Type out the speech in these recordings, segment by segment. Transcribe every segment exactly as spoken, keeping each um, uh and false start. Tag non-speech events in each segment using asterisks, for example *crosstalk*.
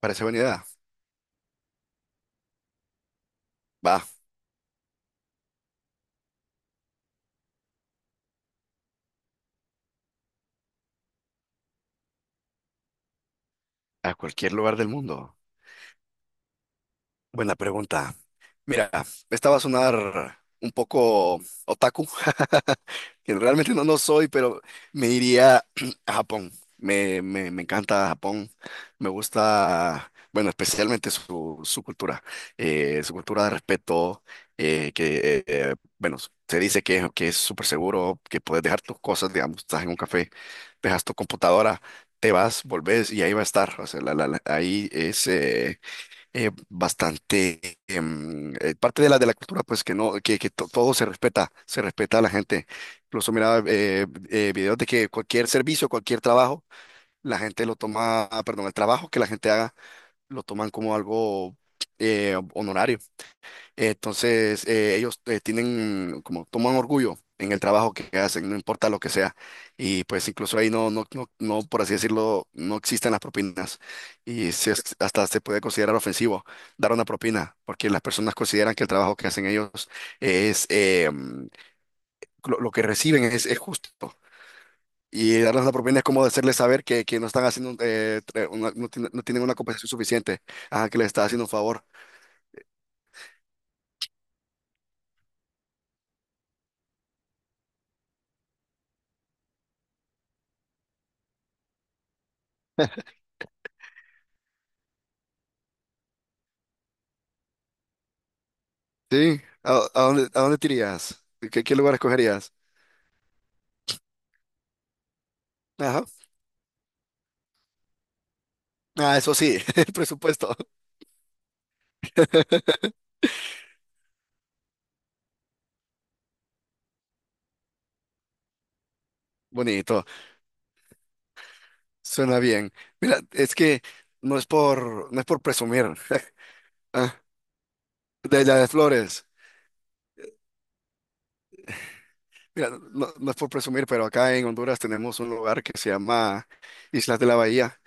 Parece buena idea. Va. A cualquier lugar del mundo. Buena pregunta. Mira, esta va a sonar un poco otaku, *laughs* que realmente no lo soy, pero me iría *clears throat* a Japón. Me, me, me encanta Japón. Me gusta, bueno, especialmente su, su cultura, eh, su cultura de respeto, eh, que, eh, bueno, se dice que, que es súper seguro, que puedes dejar tus cosas, digamos, estás en un café, dejas tu computadora, te vas, volvés y ahí va a estar. O sea, la- la- la- ahí es eh, eh, bastante em, eh, parte de la de la cultura, pues que no, que, que to- todo se respeta, se respeta a la gente. Incluso miraba eh, eh, videos de que cualquier servicio, cualquier trabajo la gente lo toma, ah, perdón, el trabajo que la gente haga lo toman como algo eh, honorario. Entonces, eh, ellos eh, tienen como toman orgullo en el trabajo que hacen, no importa lo que sea. Y pues incluso ahí no, no, no, no, por así decirlo, no existen las propinas. Y se- Hasta se puede considerar ofensivo dar una propina, porque las personas consideran que el trabajo que hacen ellos es, eh, mm, lo, lo que reciben es, es justo. Y darles una propina es como hacerles saber que, que no están haciendo, eh, tra- una- no, tiene- no tienen una compensación suficiente, ah, que les está haciendo un favor. Sí, ¿a, a dónde, a dónde te irías? ¿Qué, qué lugar escogerías? Ajá. Ah, eso sí, *laughs* el presupuesto. *laughs* Bonito, suena bien. Mira, es que no es por, no es por presumir. *laughs* Ah, de la de Flores. Mira, no, no es por presumir, pero acá en Honduras tenemos un lugar que se llama Islas de la Bahía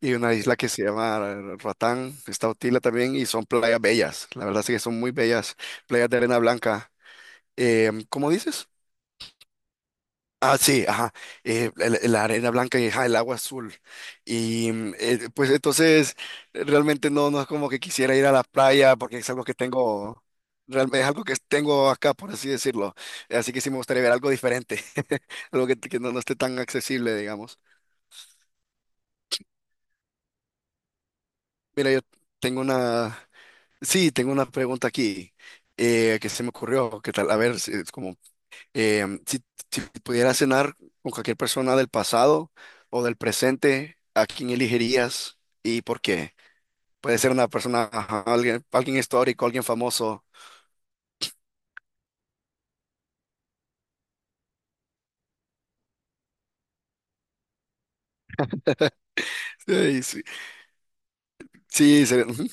y una isla que se llama Ratán. Está Otila también y son playas bellas. La verdad sí que son muy bellas, playas de arena blanca. Em, ¿cómo dices? Ah, sí, ajá. eh, la, la- la arena blanca y, ajá, el agua azul. Y mm, eh, pues entonces realmente no, no es como que quisiera ir a la playa porque es algo que tengo, realmente es algo que tengo acá, por así decirlo. Así que sí me gustaría ver algo diferente, *laughs* algo que, que no, no esté tan accesible, digamos. Mira, yo tengo una, sí, tengo una pregunta aquí, eh, que se me ocurrió, que tal, a ver, si- es como, Em, si, si pudieras cenar con cualquier persona del pasado o del presente, ¿a quién elegirías y por qué? Puede ser una persona, ajá, alguien, alguien histórico, alguien famoso. *laughs* Ey, sí, sí, se- ujú.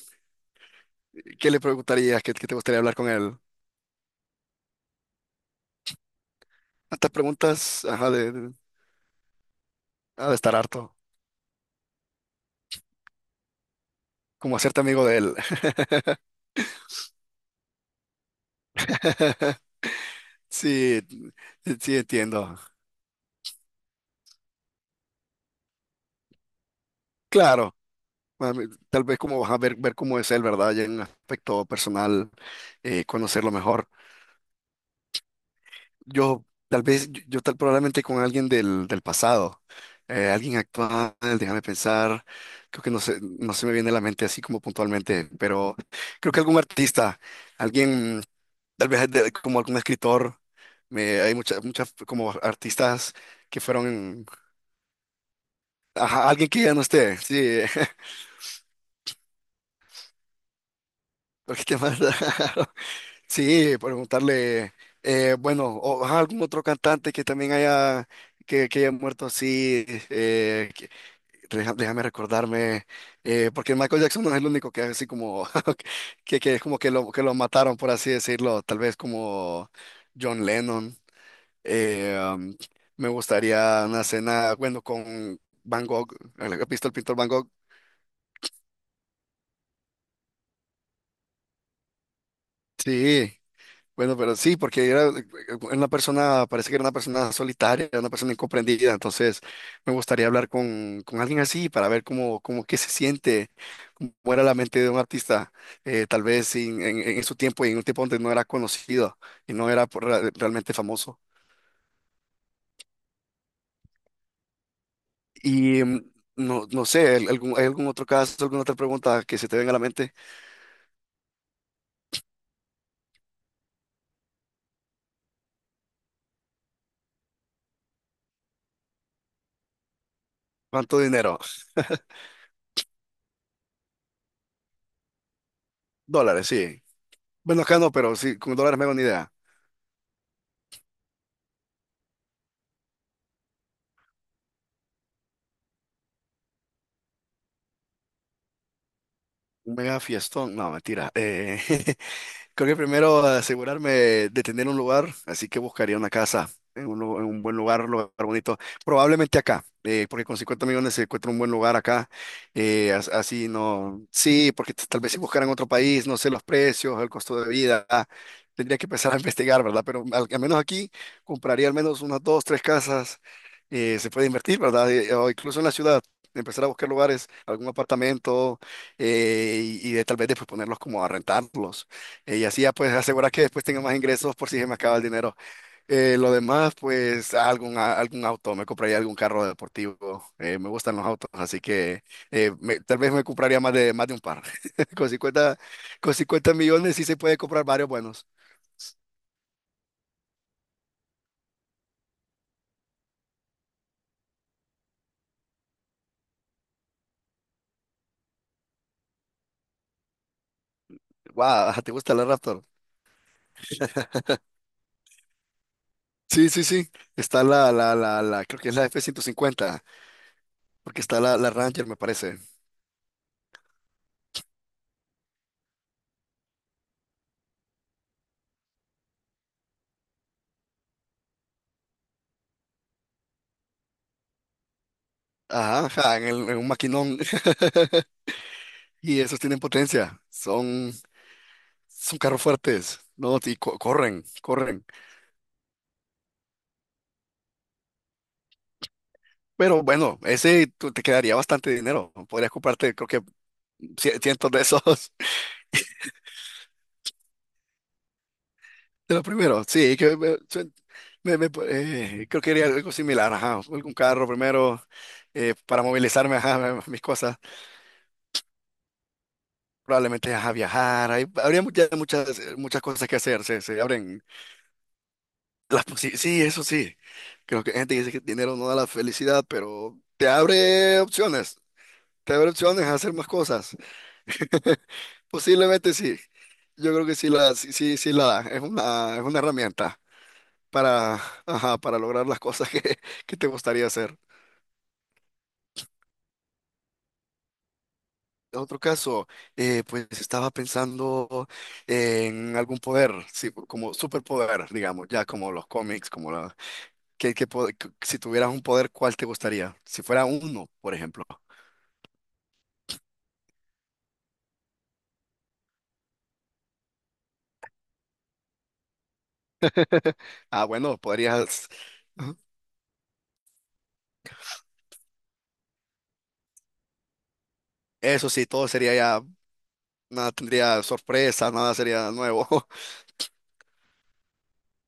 ¿Qué le preguntarías? ¿Qué, qué te gustaría hablar con él? Hasta preguntas, ajá, de, de- ha de estar harto, como hacerte amigo de él. *laughs* Sí, e, sí, entiendo. Claro, a mí, tal vez, como vas a ver, ver cómo es él, ¿verdad? Ya en un aspecto personal, eh, conocerlo mejor. Yo tal vez, yo, yo tal probablemente con alguien del, del pasado, eh, alguien actual, déjame pensar. Creo que no se, no se me viene a la mente así como puntualmente, pero creo que algún artista, alguien, tal vez de- como algún escritor. Me, hay muchas, muchas como artistas que fueron, ajá, alguien que ya no esté, sí, *laughs* porque qué más raro. Sí, preguntarle, eh, bueno, o ajá, algún otro cantante que también haya, que, que haya muerto así. Deja- Déjame recordarme, eh, porque Michael Jackson no es el único que es así como, *laughs* que, que es como que lo, que lo mataron, por así decirlo, tal vez como John Lennon. eh, um, Me gustaría una cena, bueno, con Van Gogh, el, visto, el pintor Van Gogh. Sí, bueno, pero sí, porque era, eh, una persona, parece que era una persona solitaria, era una persona incomprendida. Entonces me gustaría hablar con, con alguien así para ver cómo, cómo qué se siente, cómo era la mente de un artista, eh, tal vez sin- en, en- en su tiempo y en un tiempo donde no era conocido y no era, por re- realmente famoso. Y mm, no, no sé, ¿al- algún, ¿hay algún otro caso, alguna otra pregunta que se te venga a la mente? ¿Cuánto dinero? Dólares, sí. Bueno, acá no, pero sí, con dólares me hago una idea. Un mega fiestón, no, mentira. Eh, *laughs* Creo que primero asegurarme de tener un lugar, así que buscaría una casa en un, lu- en un buen lugar, un lugar bonito, probablemente acá, eh, porque con 50 millones se encuentra un buen lugar acá. Eh, as- así no, sí, porque t- tal vez, si buscaran otro país, no sé los precios, el costo de vida, ah, tendría que empezar a investigar, ¿verdad? Pero, al, al menos aquí, compraría al menos unas dos, tres casas. Eh, se puede invertir, ¿verdad? Eh, o incluso en la ciudad, empezar a buscar lugares, algún apartamento, eh, y, y de- tal vez después, ponerlos como a rentarlos. Eh, y así ya, pues, asegurar que después tenga más ingresos por si se me acaba el dinero. Eh, lo demás, pues algún, a- algún auto, me compraría algún carro deportivo. Eh, me gustan los autos, así que, eh, me- tal vez me compraría más de, más de un par. *laughs* Con cincuenta con cincuenta millones sí se puede comprar varios buenos. Wow, ¿te gusta la Raptor? Sí, sí, sí. Está la, la, la, la, creo que es la f ciento cincuenta, porque está la, la Ranger, me parece. Ajá, ajá, en, el- en un maquinón. *laughs* Y esos tienen potencia. Son Son carros fuertes, ¿no? Y co- corren, corren. Pero bueno, ese, tú- te quedaría bastante dinero, ¿no? Podrías comprarte, creo que cie- cientos de esos, *laughs* de los primeros. Sí, que me- suen- me- me- eh, creo que haría algo similar, ajá. Algún carro primero, eh, para movilizarme, ajá, m- mis cosas. Probablemente, ajá, viajar. Hay, habría muchas, muchas, eh, muchas cosas que hacer. Se, se abren las posibilidades. Sí, sí, eso sí. Creo que hay gente que dice que el dinero no da la felicidad, pero te abre opciones. Te abre opciones a hacer más cosas. *laughs* Posiblemente sí. Yo creo que sí la, sí, sí, sí la da. Es una, es una herramienta para, ajá, para lograr las cosas que, *laughs* que te gustaría hacer. Otro caso, eh, pues estaba pensando en algún poder, sí, como superpoder, digamos, ya, como los cómics, como la, que, que po- que- si tuvieras un poder, ¿cuál te gustaría? Si fuera uno, por ejemplo. Ah, bueno, podrías, eso sí, todo sería ya, nada tendría sorpresa, nada sería nuevo.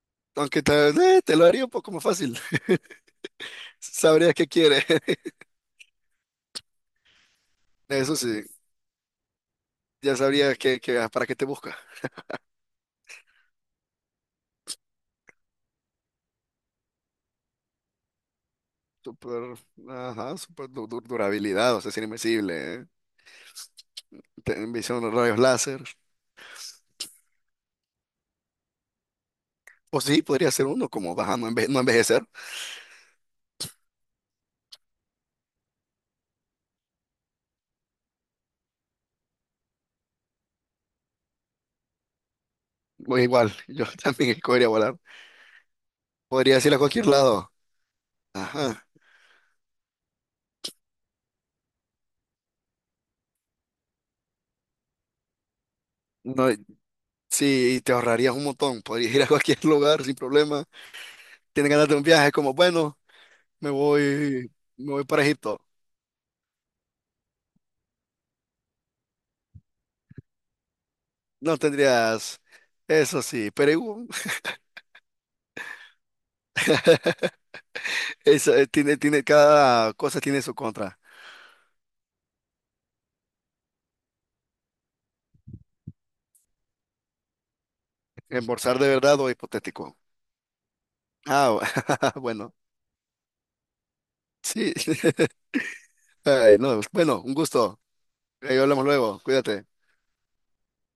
*laughs* Aunque te, eh, te lo haría un poco más fácil. Sabrías qué quiere. *laughs* Eso sí, ya sabrías que, que- para qué te busca. Super, ajá, super, du- du- durabilidad, o sea, es invencible, ¿eh? Ten- visión de rayos láser. O sí, podría ser uno como baja, no, enve- no envejecer. O igual, yo *laughs* también escogería volar. Podrías ir a cualquier lado. Ajá. No, sí, y te ahorrarías un montón. Podrías ir a cualquier *laughs* lugar sin problema. Tienes ganas de un viaje, como, bueno, me voy, me voy para Egipto. No tendrías, eso sí, pero igual. *laughs* Es, eh, tiene, tiene, cada cosa tiene su contra. Embolsar de verdad o hipotético. Ah, *laughs* bueno, sí. *laughs* Ay, no, bueno, un gusto. Ahí hablamos luego. Cuídate.